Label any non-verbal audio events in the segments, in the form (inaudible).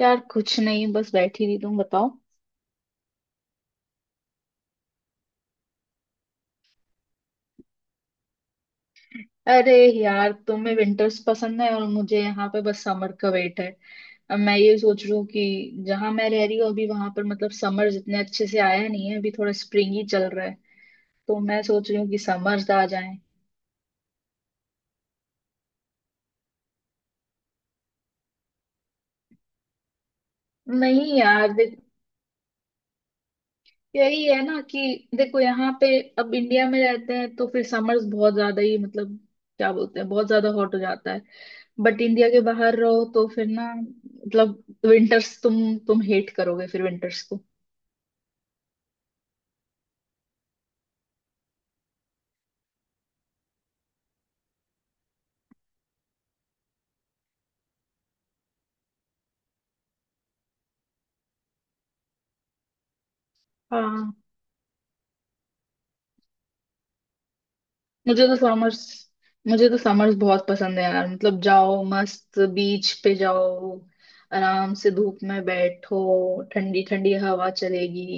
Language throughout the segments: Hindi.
यार कुछ नहीं, बस बैठी थी। तुम बताओ। अरे यार, तुम्हें विंटर्स पसंद है और मुझे यहाँ पे बस समर का वेट है। अब मैं ये सोच रही हूँ कि जहाँ मैं रह रही हूँ अभी, वहां पर मतलब समर जितने अच्छे से आया नहीं है, अभी थोड़ा स्प्रिंग ही चल रहा है। तो मैं सोच रही हूँ कि समर्स आ जाए। नहीं यार देख, यही है ना कि देखो यहाँ पे अब इंडिया में रहते हैं तो फिर समर्स बहुत ज्यादा ही मतलब क्या बोलते हैं बहुत ज्यादा हॉट हो जाता है। बट इंडिया के बाहर रहो तो फिर ना मतलब विंटर्स तुम हेट करोगे फिर विंटर्स को। हाँ, मुझे तो समर्स मुझे तो समर्स बहुत पसंद है यार। मतलब जाओ मस्त बीच पे जाओ, आराम से धूप में बैठो, ठंडी ठंडी हवा चलेगी।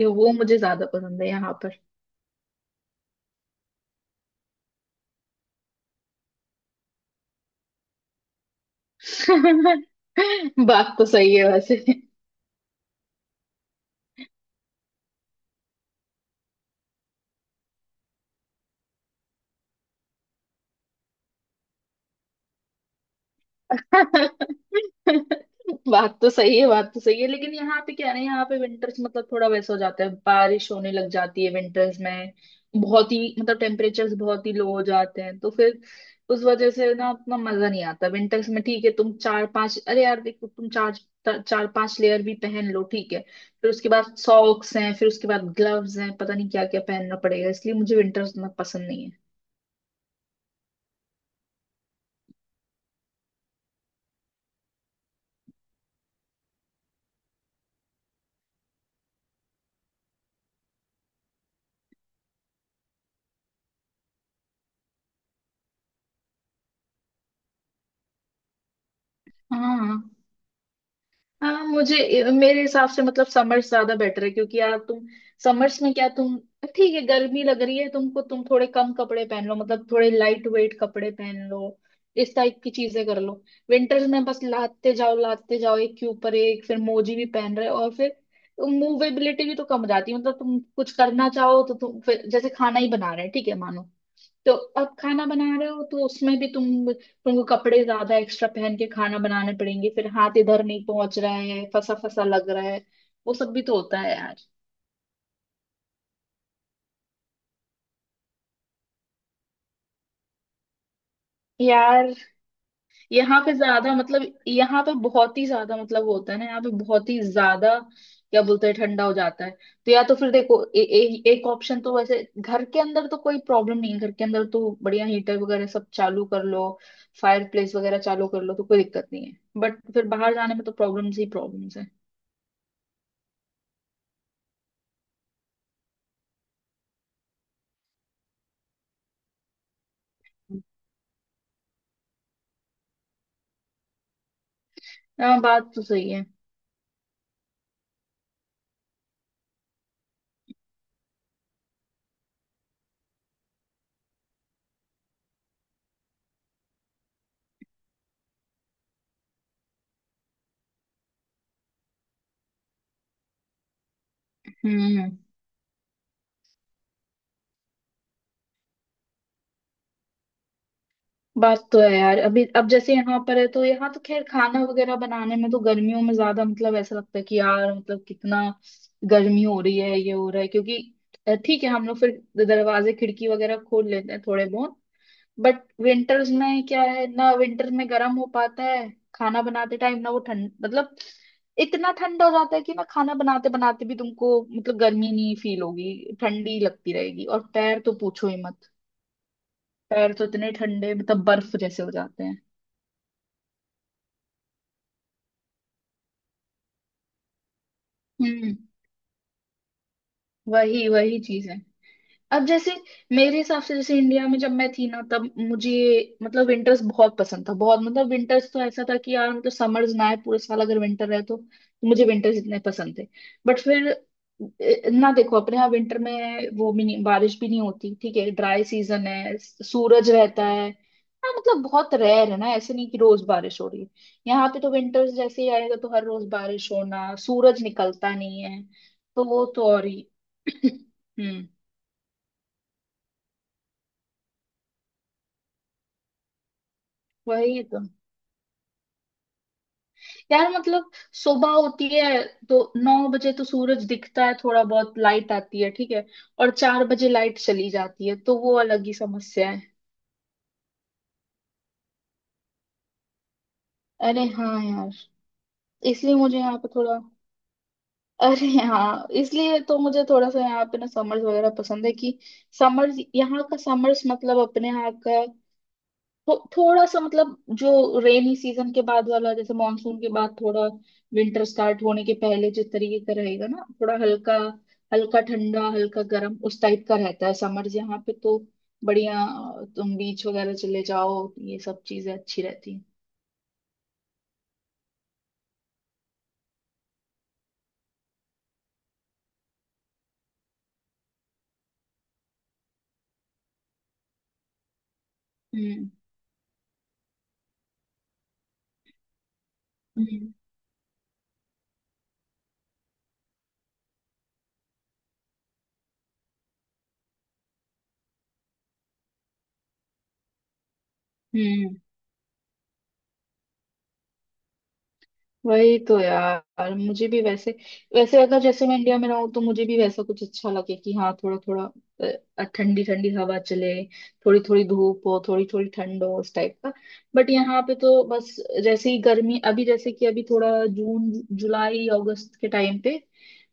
ये वो मुझे ज्यादा पसंद है यहाँ पर। (laughs) बात तो सही है वैसे। (laughs) बात तो सही है, बात तो सही है, लेकिन यहाँ पे क्या है ना, यहाँ पे विंटर्स मतलब थोड़ा वैसा हो जाता है, बारिश होने लग जाती है विंटर्स में। बहुत ही मतलब टेम्परेचर्स बहुत ही लो हो जाते हैं, तो फिर उस वजह से ना उतना मजा नहीं आता विंटर्स में। ठीक है, तुम चार पांच अरे यार देखो, तुम चार चार पांच लेयर भी पहन लो ठीक है, फिर उसके बाद सॉक्स हैं, फिर उसके बाद ग्लव्स हैं, पता नहीं क्या क्या पहनना पड़ेगा, इसलिए मुझे विंटर्स उतना पसंद नहीं है। हाँ, हाँ। मुझे मेरे हिसाब से मतलब समर्स ज्यादा बेटर है, क्योंकि यार तुम समर्स में क्या, तुम ठीक है गर्मी लग रही है तुमको, तुम थोड़े कम कपड़े पहन लो, मतलब थोड़े लाइट वेट कपड़े पहन लो, इस टाइप की चीजें कर लो। विंटर्स में बस लादते जाओ लादते जाओ, एक के ऊपर एक, फिर मोजी भी पहन रहे हो, और फिर मूवेबिलिटी भी तो कम हो जाती है। मतलब तुम कुछ करना चाहो तो तुम फिर जैसे खाना ही बना रहे हैं ठीक है मानो, तो अब खाना बना रहे हो तो उसमें भी तुमको कपड़े ज्यादा एक्स्ट्रा पहन के खाना बनाने पड़ेंगे, फिर हाथ इधर नहीं पहुंच रहा है, फंसा फंसा लग रहा है। वो सब भी तो होता है यार। यार यहाँ पे ज्यादा मतलब, यहाँ पे बहुत ही ज्यादा मतलब वो होता है ना, यहाँ पे बहुत ही ज्यादा क्या बोलते हैं ठंडा हो जाता है। तो या तो फिर देखो ए, ए, एक ऑप्शन तो वैसे घर के अंदर तो कोई प्रॉब्लम नहीं है, घर के अंदर तो बढ़िया हीटर वगैरह सब चालू कर लो, फायर प्लेस वगैरह चालू कर लो तो कोई दिक्कत नहीं है। बट फिर बाहर जाने में तो प्रॉब्लम्स ही प्रॉब्लम्स है। हाँ, बात तो सही है। हम्म। बात तो है यार, अभी अब जैसे यहाँ पर है तो यहाँ तो खैर खाना वगैरह बनाने में तो गर्मियों में ज्यादा मतलब ऐसा लगता है कि यार मतलब कितना गर्मी हो रही है, ये हो रहा है क्योंकि ठीक है हम लोग फिर दरवाजे खिड़की वगैरह खोल लेते हैं थोड़े बहुत। बट विंटर्स में क्या है ना, विंटर में गर्म हो पाता है खाना बनाते टाइम ना, वो ठंड मतलब इतना ठंडा हो जाता है कि ना खाना बनाते बनाते भी तुमको मतलब गर्मी नहीं फील होगी, ठंडी लगती रहेगी, और पैर तो पूछो ही मत। पैर तो इतने ठंडे मतलब बर्फ जैसे हो जाते हैं। हम्म। वही वही चीज है। अब जैसे मेरे हिसाब से, जैसे इंडिया में जब मैं थी ना, तब मुझे मतलब विंटर्स बहुत पसंद था, बहुत मतलब विंटर्स तो ऐसा था कि यार मतलब समर्स ना आए, पूरे साल अगर विंटर रहे तो मुझे विंटर्स इतने पसंद थे। बट फिर ना देखो अपने यहाँ विंटर में वो भी नहीं, बारिश भी नहीं होती, ठीक है ड्राई सीजन है सूरज रहता है। हाँ मतलब बहुत रेयर है ना, ऐसे नहीं कि रोज बारिश हो रही है। यहाँ पे तो विंटर्स जैसे ही आएगा तो हर रोज बारिश होना, सूरज निकलता नहीं है, तो वो तो और ही। (clears throat) हम्म। वही तो यार मतलब, सुबह होती है तो 9 बजे तो सूरज दिखता है, थोड़ा बहुत लाइट आती है ठीक है, और 4 बजे लाइट चली जाती है, तो वो अलग ही समस्या है। अरे हाँ यार, इसलिए मुझे यहाँ पे थोड़ा (laughs) अरे हाँ, इसलिए तो मुझे थोड़ा सा यहाँ पे ना समर्स वगैरह पसंद है, कि समर्स यहाँ का समर्स मतलब अपने यहाँ का थोड़ा सा मतलब, जो रेनी सीजन के बाद वाला, जैसे मानसून के बाद थोड़ा विंटर स्टार्ट होने के पहले जिस तरीके का रहेगा ना, थोड़ा हल्का हल्का ठंडा हल्का गर्म उस टाइप का रहता है समर्स यहाँ पे, तो बढ़िया तुम बीच वगैरह चले जाओ, ये सब चीजें अच्छी रहती हैं। हम्म, हम्म, हम्म। वही तो यार, मुझे भी वैसे वैसे अगर जैसे मैं इंडिया में रहूँ तो मुझे भी वैसा कुछ अच्छा लगे, कि हाँ थोड़ा थोड़ा ठंडी ठंडी हवा चले, थोड़ी थोड़ी धूप हो, थोड़ी थोड़ी ठंड हो, उस टाइप का। बट यहाँ पे तो बस, जैसे ही गर्मी, अभी जैसे कि अभी थोड़ा जून जुलाई अगस्त के टाइम पे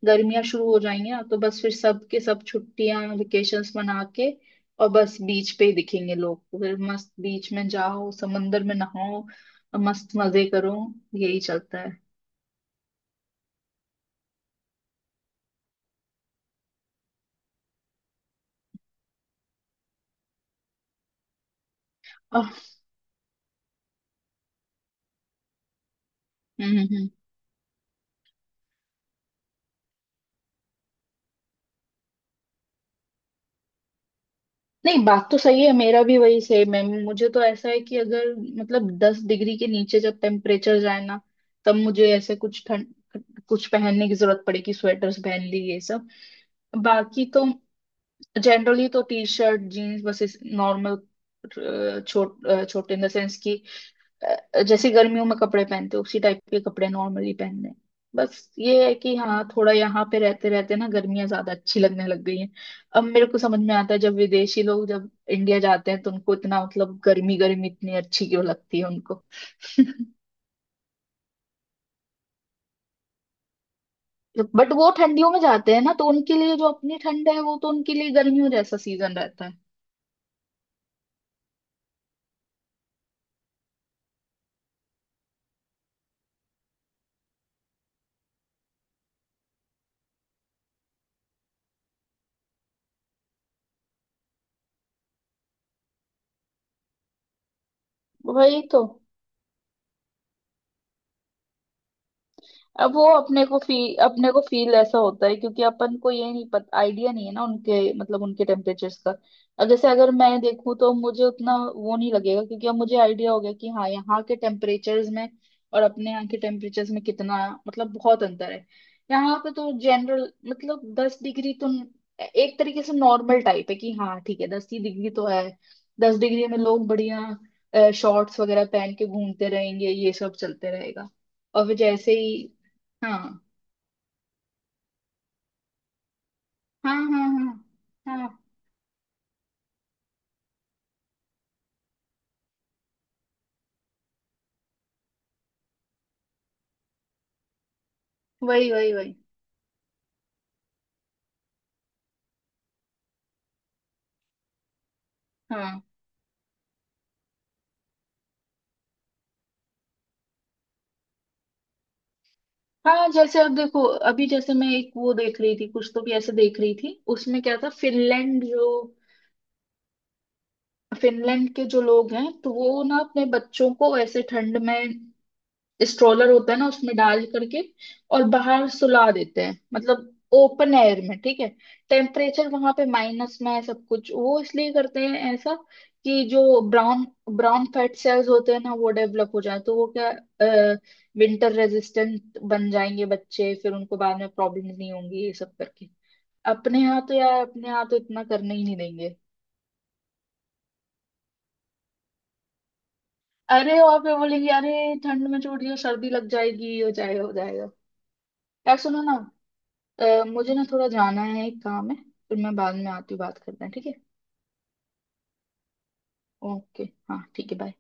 गर्मियाँ शुरू हो जाएंगी ना, तो बस फिर सब के सब छुट्टियां वेकेशंस मना के और बस बीच पे ही दिखेंगे लोग, तो फिर मस्त बीच में जाओ, समंदर में नहाओ और मस्त मजे करो। यही चलता है। अह, हम्म, हम्म। नहीं बात तो सही है, मेरा भी वही सेम है। मुझे तो ऐसा है कि अगर मतलब 10 डिग्री के नीचे जब टेम्परेचर जाए ना, तब मुझे ऐसे कुछ ठंड कुछ पहनने की जरूरत पड़ेगी, स्वेटर्स पहन ली, ये सब। बाकी तो जनरली तो टी शर्ट जीन्स बस नॉर्मल, छोटे इन द सेंस की जैसे गर्मियों में कपड़े पहनते हैं, उसी टाइप के कपड़े नॉर्मली पहनने हैं। बस ये है कि हाँ थोड़ा यहाँ पे रहते रहते ना गर्मियाँ ज्यादा अच्छी लगने लग गई हैं। अब मेरे को समझ में आता है जब विदेशी लोग जब इंडिया जाते हैं तो उनको इतना मतलब गर्मी, गर्मी इतनी अच्छी क्यों लगती है उनको। (laughs) बट वो ठंडियों में जाते हैं ना, तो उनके लिए जो अपनी ठंड है वो तो उनके लिए गर्मियों जैसा सीजन रहता है। वही तो। अब वो अपने को फील ऐसा होता है क्योंकि अपन को ये नहीं पता, आइडिया नहीं है ना उनके मतलब उनके टेम्परेचर्स का। अब जैसे अगर मैं देखूं तो मुझे उतना वो नहीं लगेगा, क्योंकि अब मुझे आइडिया हो गया कि हाँ यहाँ के टेम्परेचर्स में और अपने यहाँ के टेम्परेचर्स में कितना मतलब बहुत अंतर है। यहाँ पे तो जनरल मतलब 10 डिग्री तो एक तरीके से नॉर्मल टाइप है, कि हाँ ठीक है 10 ही डिग्री तो है। 10 डिग्री में लोग बढ़िया शॉर्ट्स वगैरह पहन के घूमते रहेंगे, ये सब चलते रहेगा। और फिर जैसे ही, हाँ। हाँ हाँ हाँ हाँ। वही वही वही। हाँ हाँ। जैसे अब देखो, अभी जैसे मैं एक वो देख रही थी, कुछ तो भी ऐसे देख रही थी, उसमें क्या था, फिनलैंड के जो लोग हैं तो वो ना अपने बच्चों को ऐसे ठंड में, स्ट्रोलर होता है ना उसमें डाल करके और बाहर सुला देते हैं, मतलब ओपन एयर में, ठीक है टेम्परेचर वहां पे माइनस में है सब कुछ। वो इसलिए करते हैं ऐसा, कि जो ब्राउन ब्राउन फैट सेल्स होते हैं ना, वो डेवलप हो जाए तो वो क्या विंटर रेजिस्टेंट बन जाएंगे बच्चे, फिर उनको बाद में प्रॉब्लम नहीं होंगी ये सब करके। अपने यहाँ तो यार, अपने यहाँ तो इतना करने ही नहीं देंगे। अरे और फिर बोलेंगे अरे ठंड में छोड़िए सर्दी लग जाएगी, हो जाएगा हो जाएगा। यार सुनो ना, मुझे ना थोड़ा जाना है, एक काम है, फिर मैं बाद में आती हूँ, बात करते हैं ठीक है। ओके। हाँ ठीक है, बाय।